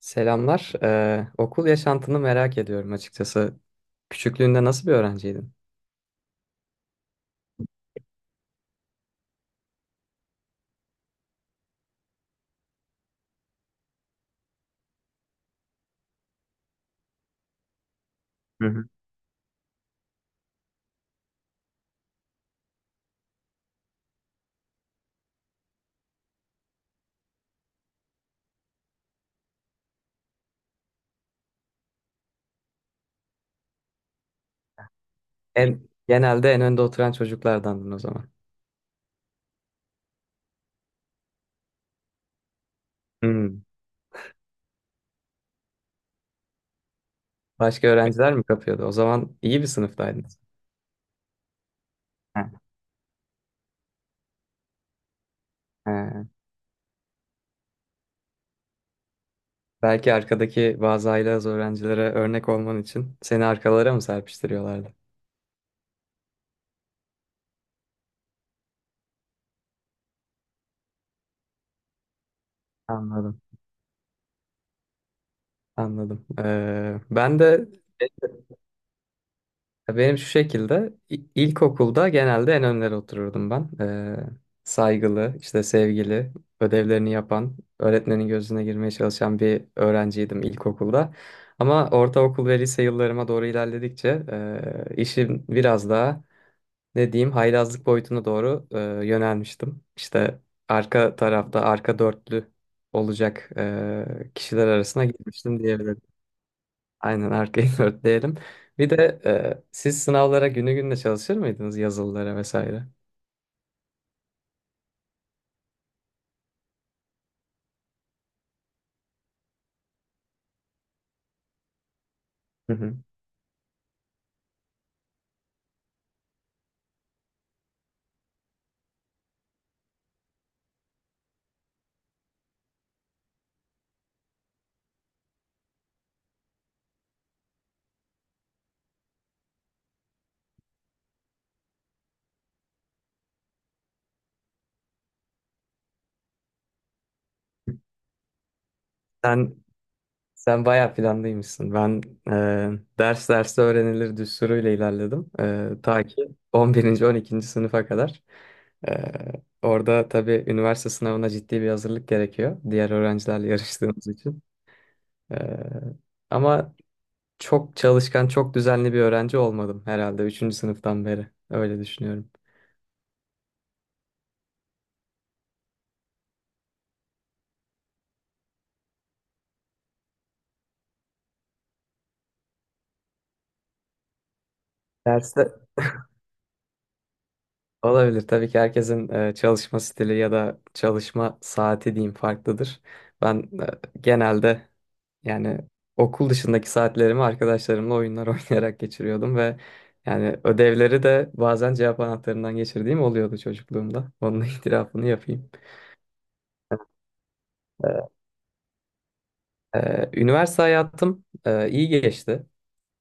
Selamlar. Okul yaşantını merak ediyorum açıkçası. Küçüklüğünde nasıl bir öğrenciydin? Genelde en önde oturan çocuklardandın o zaman. Hmm. Başka öğrenciler mi kapıyordu? O zaman iyi bir sınıftaydınız. Heh, he. Belki arkadaki bazı aile az öğrencilere örnek olman için seni arkalara mı serpiştiriyorlardı? Anladım, anladım. Benim şu şekilde ilkokulda genelde en önlere otururdum ben. Saygılı, işte sevgili, ödevlerini yapan, öğretmenin gözüne girmeye çalışan bir öğrenciydim ilkokulda. Ama ortaokul ve lise yıllarıma doğru ilerledikçe işim biraz daha ne diyeyim haylazlık boyutuna doğru yönelmiştim. İşte arka tarafta arka dörtlü olacak kişiler arasına gitmiştim. Aynen arkayı dörtleyelim. Bir de siz sınavlara günü gününe çalışır mıydınız, yazılılara vesaire? Hı hı. Sen sen bayağı planlıymışsın. Ben ders derste öğrenilir düsturuyla ilerledim. Ta ki 11. 12. sınıfa kadar. E, Orada tabii üniversite sınavına ciddi bir hazırlık gerekiyor, diğer öğrencilerle yarıştığımız için. E, ama çok çalışkan, çok düzenli bir öğrenci olmadım herhalde üçüncü sınıftan beri. Öyle düşünüyorum. Derste, Olabilir. Tabii ki herkesin çalışma stili ya da çalışma saati diyeyim farklıdır. Ben genelde yani okul dışındaki saatlerimi arkadaşlarımla oyunlar oynayarak geçiriyordum ve yani ödevleri de bazen cevap anahtarından geçirdiğim oluyordu çocukluğumda. Onun itirafını yapayım. E, Üniversite hayatım iyi geçti.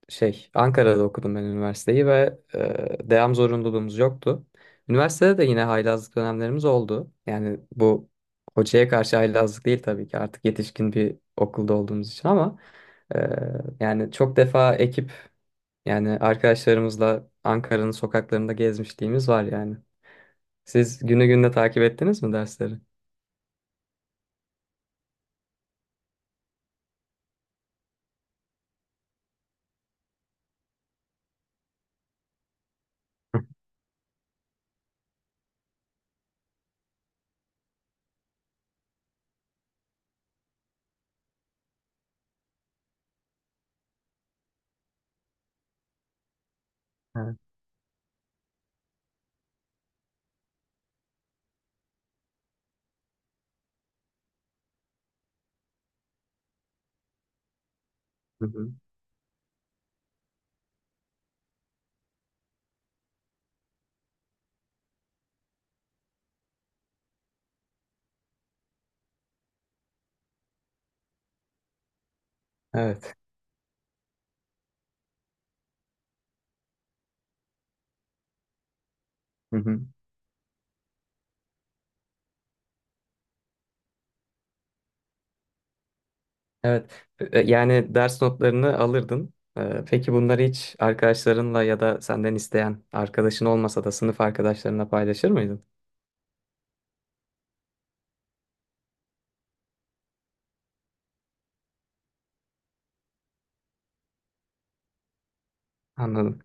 Ankara'da okudum ben üniversiteyi ve devam zorunluluğumuz yoktu. Üniversitede de yine haylazlık dönemlerimiz oldu. Yani bu hocaya karşı haylazlık değil tabii ki, artık yetişkin bir okulda olduğumuz için, ama e, yani çok defa yani arkadaşlarımızla Ankara'nın sokaklarında gezmişliğimiz var yani. Siz günü gününe takip ettiniz mi dersleri? Evet. Hı hı. Evet. Hı hı. Evet. Yani ders notlarını alırdın. Peki bunları hiç arkadaşlarınla ya da senden isteyen arkadaşın olmasa da sınıf arkadaşlarına paylaşır mıydın? Anladım.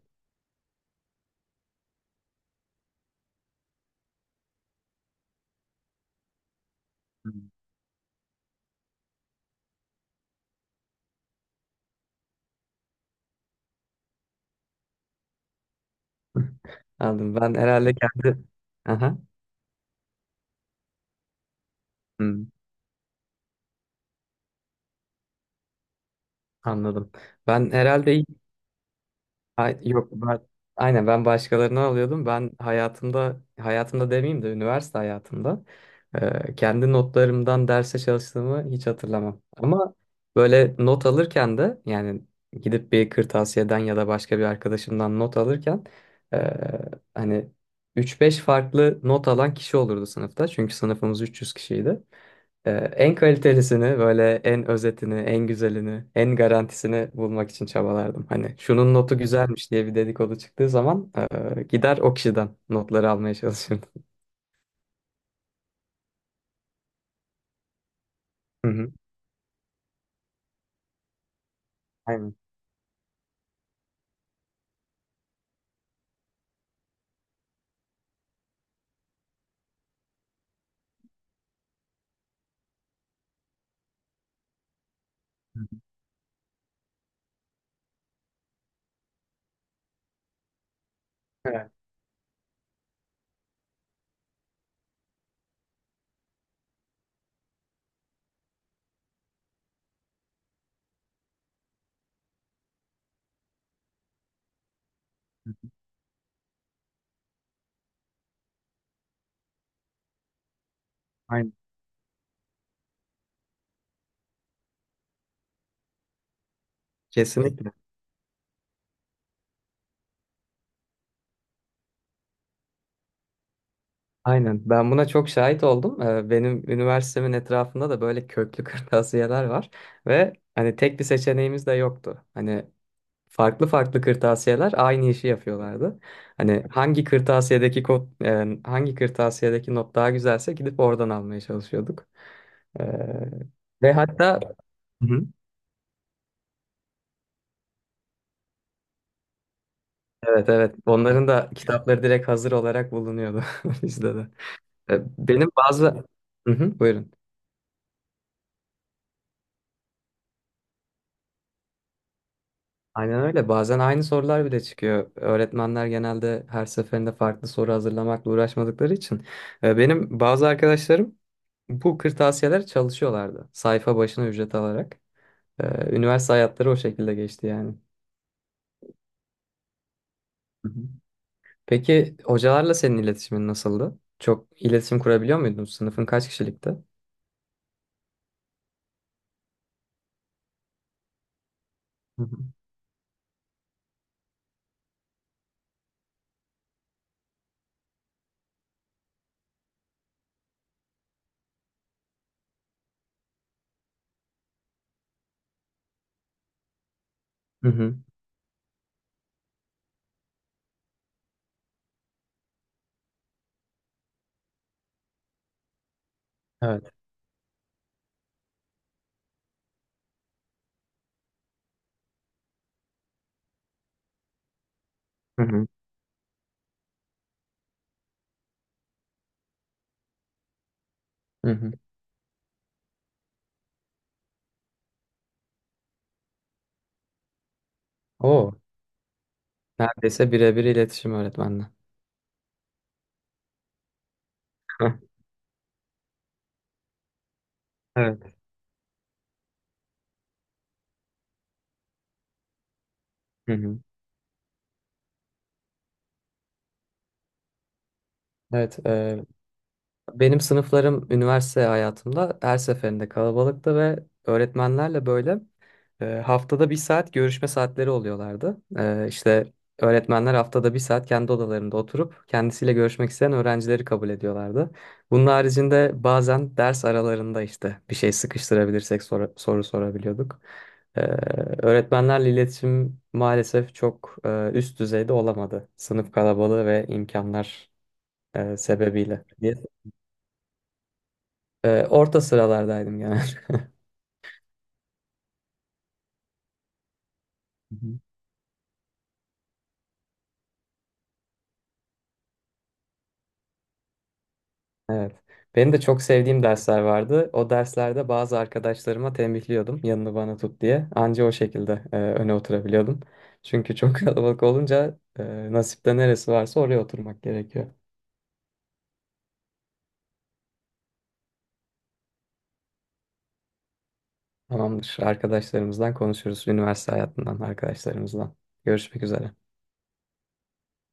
Hmm. Anladım. Ben herhalde kendi... Aha. Hmm, anladım. Ben herhalde Ay, yok ben, aynen ben başkalarını alıyordum. Ben hayatımda, hayatımda demeyeyim de üniversite hayatımda kendi notlarımdan derse çalıştığımı hiç hatırlamam. Ama böyle not alırken de yani gidip bir kırtasiyeden ya da başka bir arkadaşımdan not alırken, e, hani üç beş farklı not alan kişi olurdu sınıfta. Çünkü sınıfımız 300 kişiydi. En kalitelisini, böyle en özetini, en güzelini, en garantisini bulmak için çabalardım. Hani şunun notu güzelmiş diye bir dedikodu çıktığı zaman gider o kişiden notları almaya çalışırdım. Hı hı. Aynen. Hı hı. Evet. Hı hı. Aynen. Kesinlikle. Aynen. Ben buna çok şahit oldum. Benim üniversitemin etrafında da böyle köklü kırtasiyeler var ve hani tek bir seçeneğimiz de yoktu. Hani farklı farklı kırtasiyeler aynı işi yapıyorlardı. Hani e, hangi kırtasiyedeki not daha güzelse gidip oradan almaya çalışıyorduk. E, Ve hatta... Hı hı. Evet, evet, onların da kitapları direkt hazır olarak bulunuyordu bizde de. Benim bazı Hı hı, buyurun. Aynen öyle. Bazen aynı sorular bile çıkıyor. Öğretmenler genelde her seferinde farklı soru hazırlamakla uğraşmadıkları için. Benim bazı arkadaşlarım Bu kırtasiyeler çalışıyorlardı. Sayfa başına ücret alarak. Üniversite hayatları o şekilde geçti yani. Hı hı. Peki hocalarla senin iletişimin nasıldı? Çok iletişim kurabiliyor muydun? Sınıfın kaç kişilikti? Hı hı. Hı hı. Evet. Hı hı. Hı hı. Oo, neredeyse birebir iletişim öğretmenle. Evet. Hı hı. Evet, benim sınıflarım üniversite hayatımda her seferinde kalabalıktı ve öğretmenlerle böyle haftada bir saat görüşme saatleri oluyorlardı. İşte öğretmenler haftada bir saat kendi odalarında oturup kendisiyle görüşmek isteyen öğrencileri kabul ediyorlardı. Bunun haricinde bazen ders aralarında işte bir şey sıkıştırabilirsek soru sorabiliyorduk. E, Öğretmenlerle iletişim maalesef çok üst düzeyde olamadı. Sınıf kalabalığı ve imkanlar sebebiyle. Orta sıralardaydım genelde. Hı hı. Evet. Benim de çok sevdiğim dersler vardı. O derslerde bazı arkadaşlarıma tembihliyordum yanını bana tut diye. Anca o şekilde öne oturabiliyordum. Çünkü çok kalabalık olunca nasipte neresi varsa oraya oturmak gerekiyor. Tamamdır. Arkadaşlarımızdan konuşuruz. Üniversite hayatından arkadaşlarımızdan. Görüşmek üzere.